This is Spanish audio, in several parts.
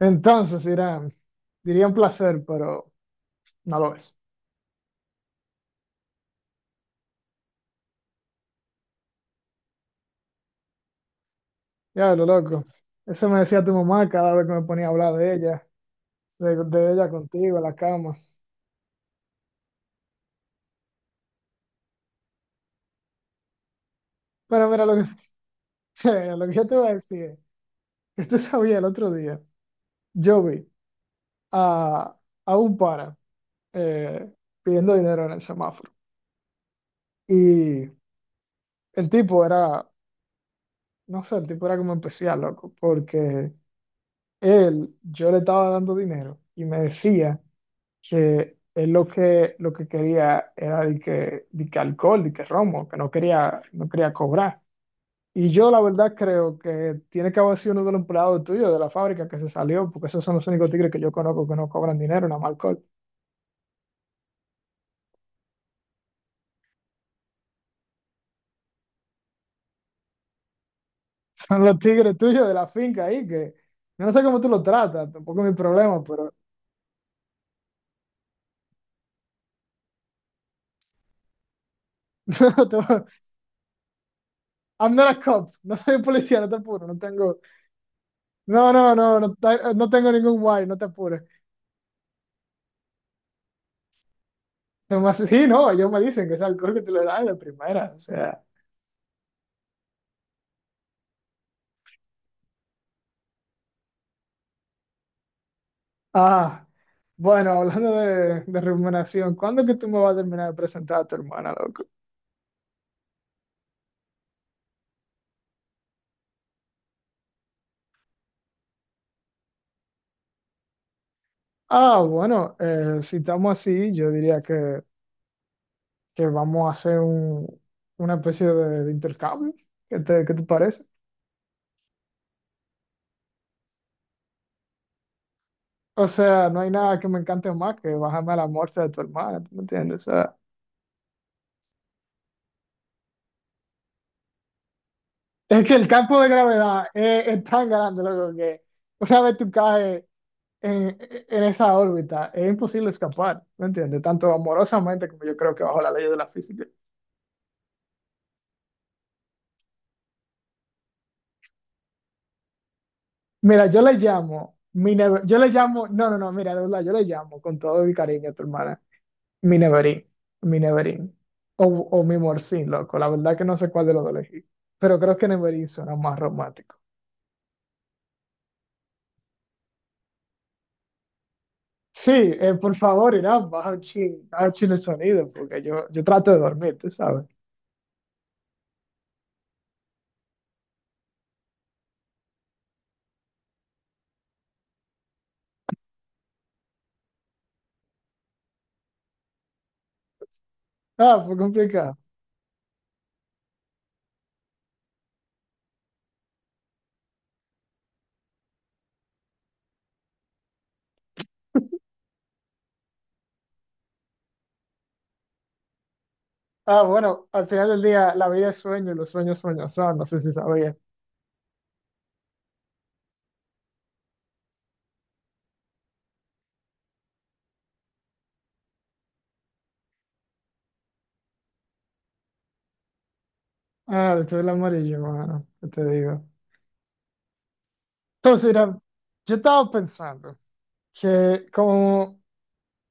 Entonces, Irán, diría un placer, pero no lo es. Ya, lo loco. Eso me decía tu mamá cada vez que me ponía a hablar de ella, de ella contigo en la cama. Pero mira, lo que yo te voy a decir es que tú sabías el otro día, yo vi a, a un pana eh, pidiendo dinero en el semáforo. Y el tipo era, no sé, el tipo era como especial, loco, porque él, yo le estaba dando dinero y me decía que lo que quería era de que alcohol, de que romo, que no quería, no quería cobrar. Y yo la verdad creo que tiene que haber sido uno de los empleados tuyos de la fábrica que se salió, porque esos son los únicos tigres que yo conozco que no cobran dinero, nada más alcohol. Son los tigres tuyos de la finca ahí, que yo no sé cómo tú los tratas, tampoco es mi problema, pero... I'm not a cop, no soy policía, no te apuro, no tengo, no, no, no, no, no tengo ningún guay, no te apures. Nomás, sí, no, ellos me dicen que es alcohol que te lo dan de primera, o sea. Ah, bueno, hablando de remuneración, ¿cuándo es que tú me vas a terminar de presentar a tu hermana, loco? Ah, bueno, si estamos así, yo diría que vamos a hacer una especie de intercambio. ¿Qué te parece? O sea, no hay nada que me encante más que bajarme a la morsa de tu hermana, ¿tú me entiendes? O sea, es que el campo de gravedad es tan grande, loco, que una vez tú caes en, en esa órbita. Es imposible escapar, ¿me entiendes? Tanto amorosamente como yo creo que bajo la ley de la física. Mira, yo le llamo, no, no, no, mira, de verdad, yo le llamo con todo mi cariño a tu hermana, mi neverín, mi neverín, o mi morcín, loco. La verdad que no sé cuál de los dos elegí, pero creo que neverín suena más romántico. Sí, por favor, Irán, baja un chin el sonido, porque yo trato de dormir, tú sabes. Ah, fue complicado. Ah, bueno, al final del día, la vida es sueño y los sueños sueños son, no sé si sabía. Ah, esto es el amarillo, mano, ¿qué te digo? Entonces, mira, yo estaba pensando que como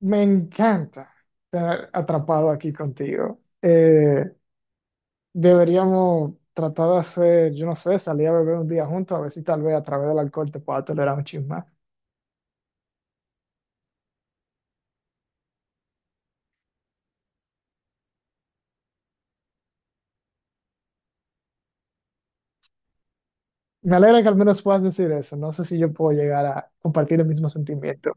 me encanta estar atrapado aquí contigo, deberíamos tratar de hacer, yo no sé, salir a beber un día juntos, a ver si tal vez a través del alcohol te pueda tolerar un chisme. Me alegra que al menos puedas decir eso, no sé si yo puedo llegar a compartir el mismo sentimiento.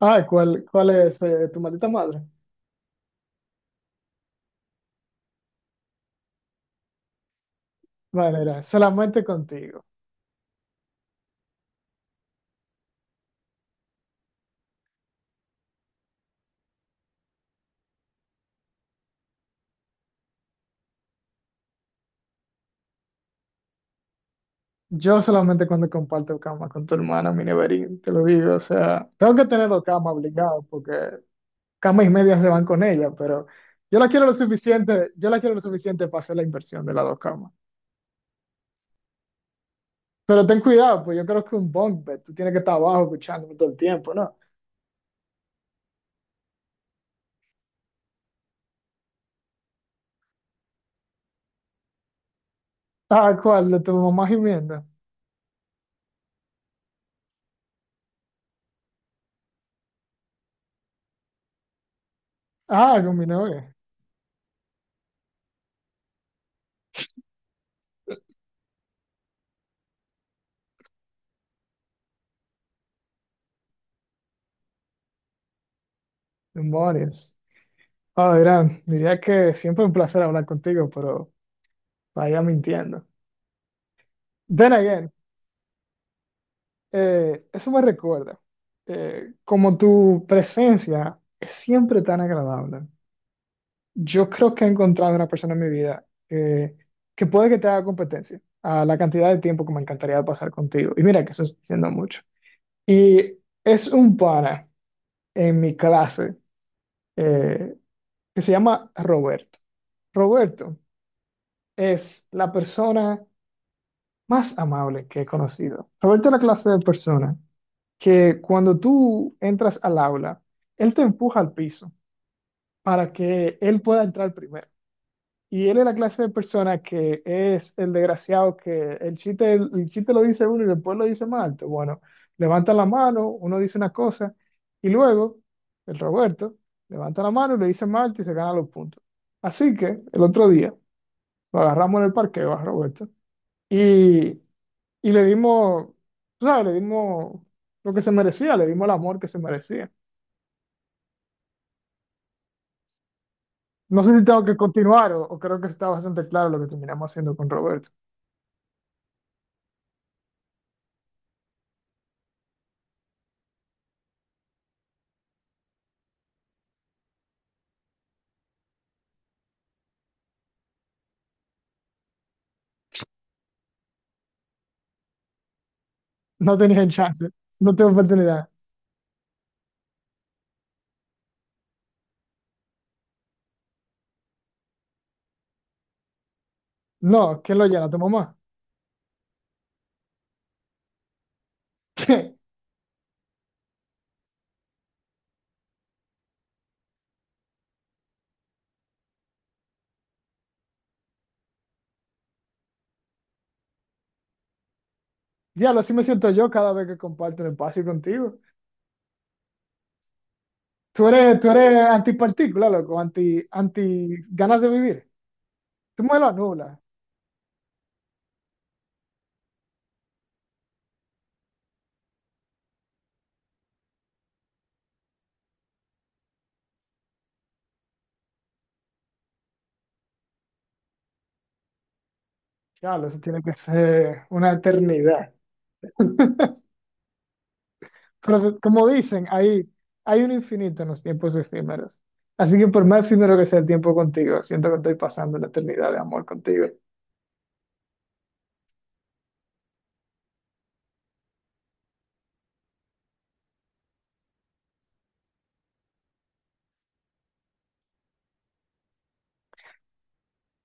Ah, ¿cuál es tu maldita madre? Vale, mira, solamente contigo. Yo solamente cuando comparto cama con tu hermana, mi neverín, te lo digo. O sea, tengo que tener dos camas obligado porque cama y media se van con ella, pero yo la quiero lo suficiente, yo la quiero lo suficiente para hacer la inversión de las dos camas. Pero ten cuidado, pues yo creo que un bunk bed, tú tienes que estar abajo escuchándome todo el tiempo, ¿no? Ah, ¿cuál? ¿De tu mamá gimiendo? Ah, con mi novia. Demonios. Ah, Irán, diría que siempre un placer hablar contigo, pero vaya mintiendo. Then again, eso me recuerda, como tu presencia es siempre tan agradable, yo creo que he encontrado una persona en mi vida que puede que te haga competencia a la cantidad de tiempo que me encantaría pasar contigo. Y mira que eso está diciendo mucho. Y es un pana en mi clase eh, que se llama Roberto. Roberto es la persona más amable que he conocido. Roberto es la clase de persona que cuando tú entras al aula, él te empuja al piso para que él pueda entrar primero. Y él es la clase de persona que es el desgraciado el chiste lo dice uno y después lo dice más alto. Bueno, levanta la mano, uno dice una cosa y luego el Roberto levanta la mano y le dice más alto y se gana los puntos. Así que el otro día lo agarramos en el parqueo a Roberto y, y le dimos, tú ¿sabes? Le dimos lo que se merecía, le dimos el amor que se merecía. No sé si tengo que continuar o creo que está bastante claro lo que terminamos haciendo con Roberto. No tenías chance, no tengo oportunidad. No, ¿quién lo llena? ¿Tu mamá? Diablo, así me siento yo cada vez que comparto el espacio contigo. Tú eres antipartícula, loco, anti, anti ganas de vivir. Tú me lo anulas. Diablo, eso tiene que ser una eternidad. Pero como dicen, hay un infinito en los tiempos efímeros. Así que por más efímero que sea el tiempo contigo, siento que estoy pasando la eternidad de amor contigo.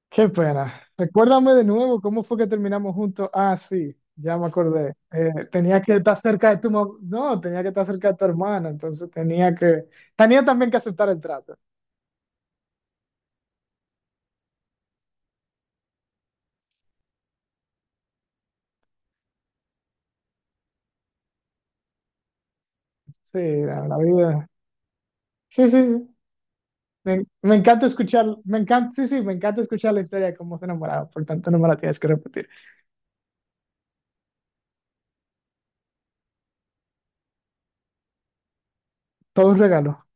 Qué pena. Recuérdame de nuevo cómo fue que terminamos juntos. Ah, sí, ya me acordé. Tenía que estar cerca de tu mamá. No, tenía que estar cerca de tu hermana, entonces tenía que... Tenía también que aceptar el trato. Sí, la vida. Sí, sí, sí. Me encanta escuchar, me encanta, sí, sí, me encanta escuchar la historia de cómo se enamoraron. Por tanto, no me la tienes que repetir. Todo un regalo.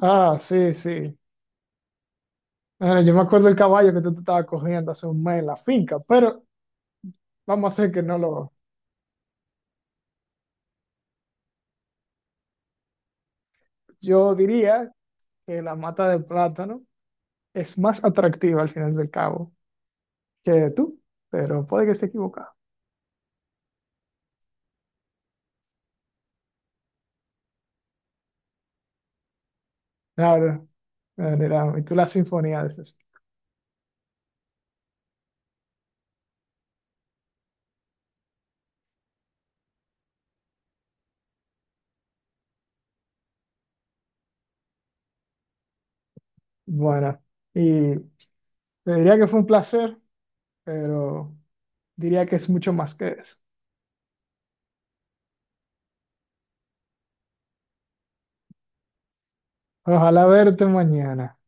Ah, sí, sí. Ah, yo me acuerdo del caballo que tú te estabas cogiendo hace un mes en la finca, pero vamos a hacer que no lo... Yo diría que la mata de plátano es más atractiva al final del cabo que tú, pero puede que esté equivocado. Claro, y tú la sinfonía de esas. Bueno, y te diría que fue un placer, pero diría que es mucho más que eso. Ojalá verte mañana.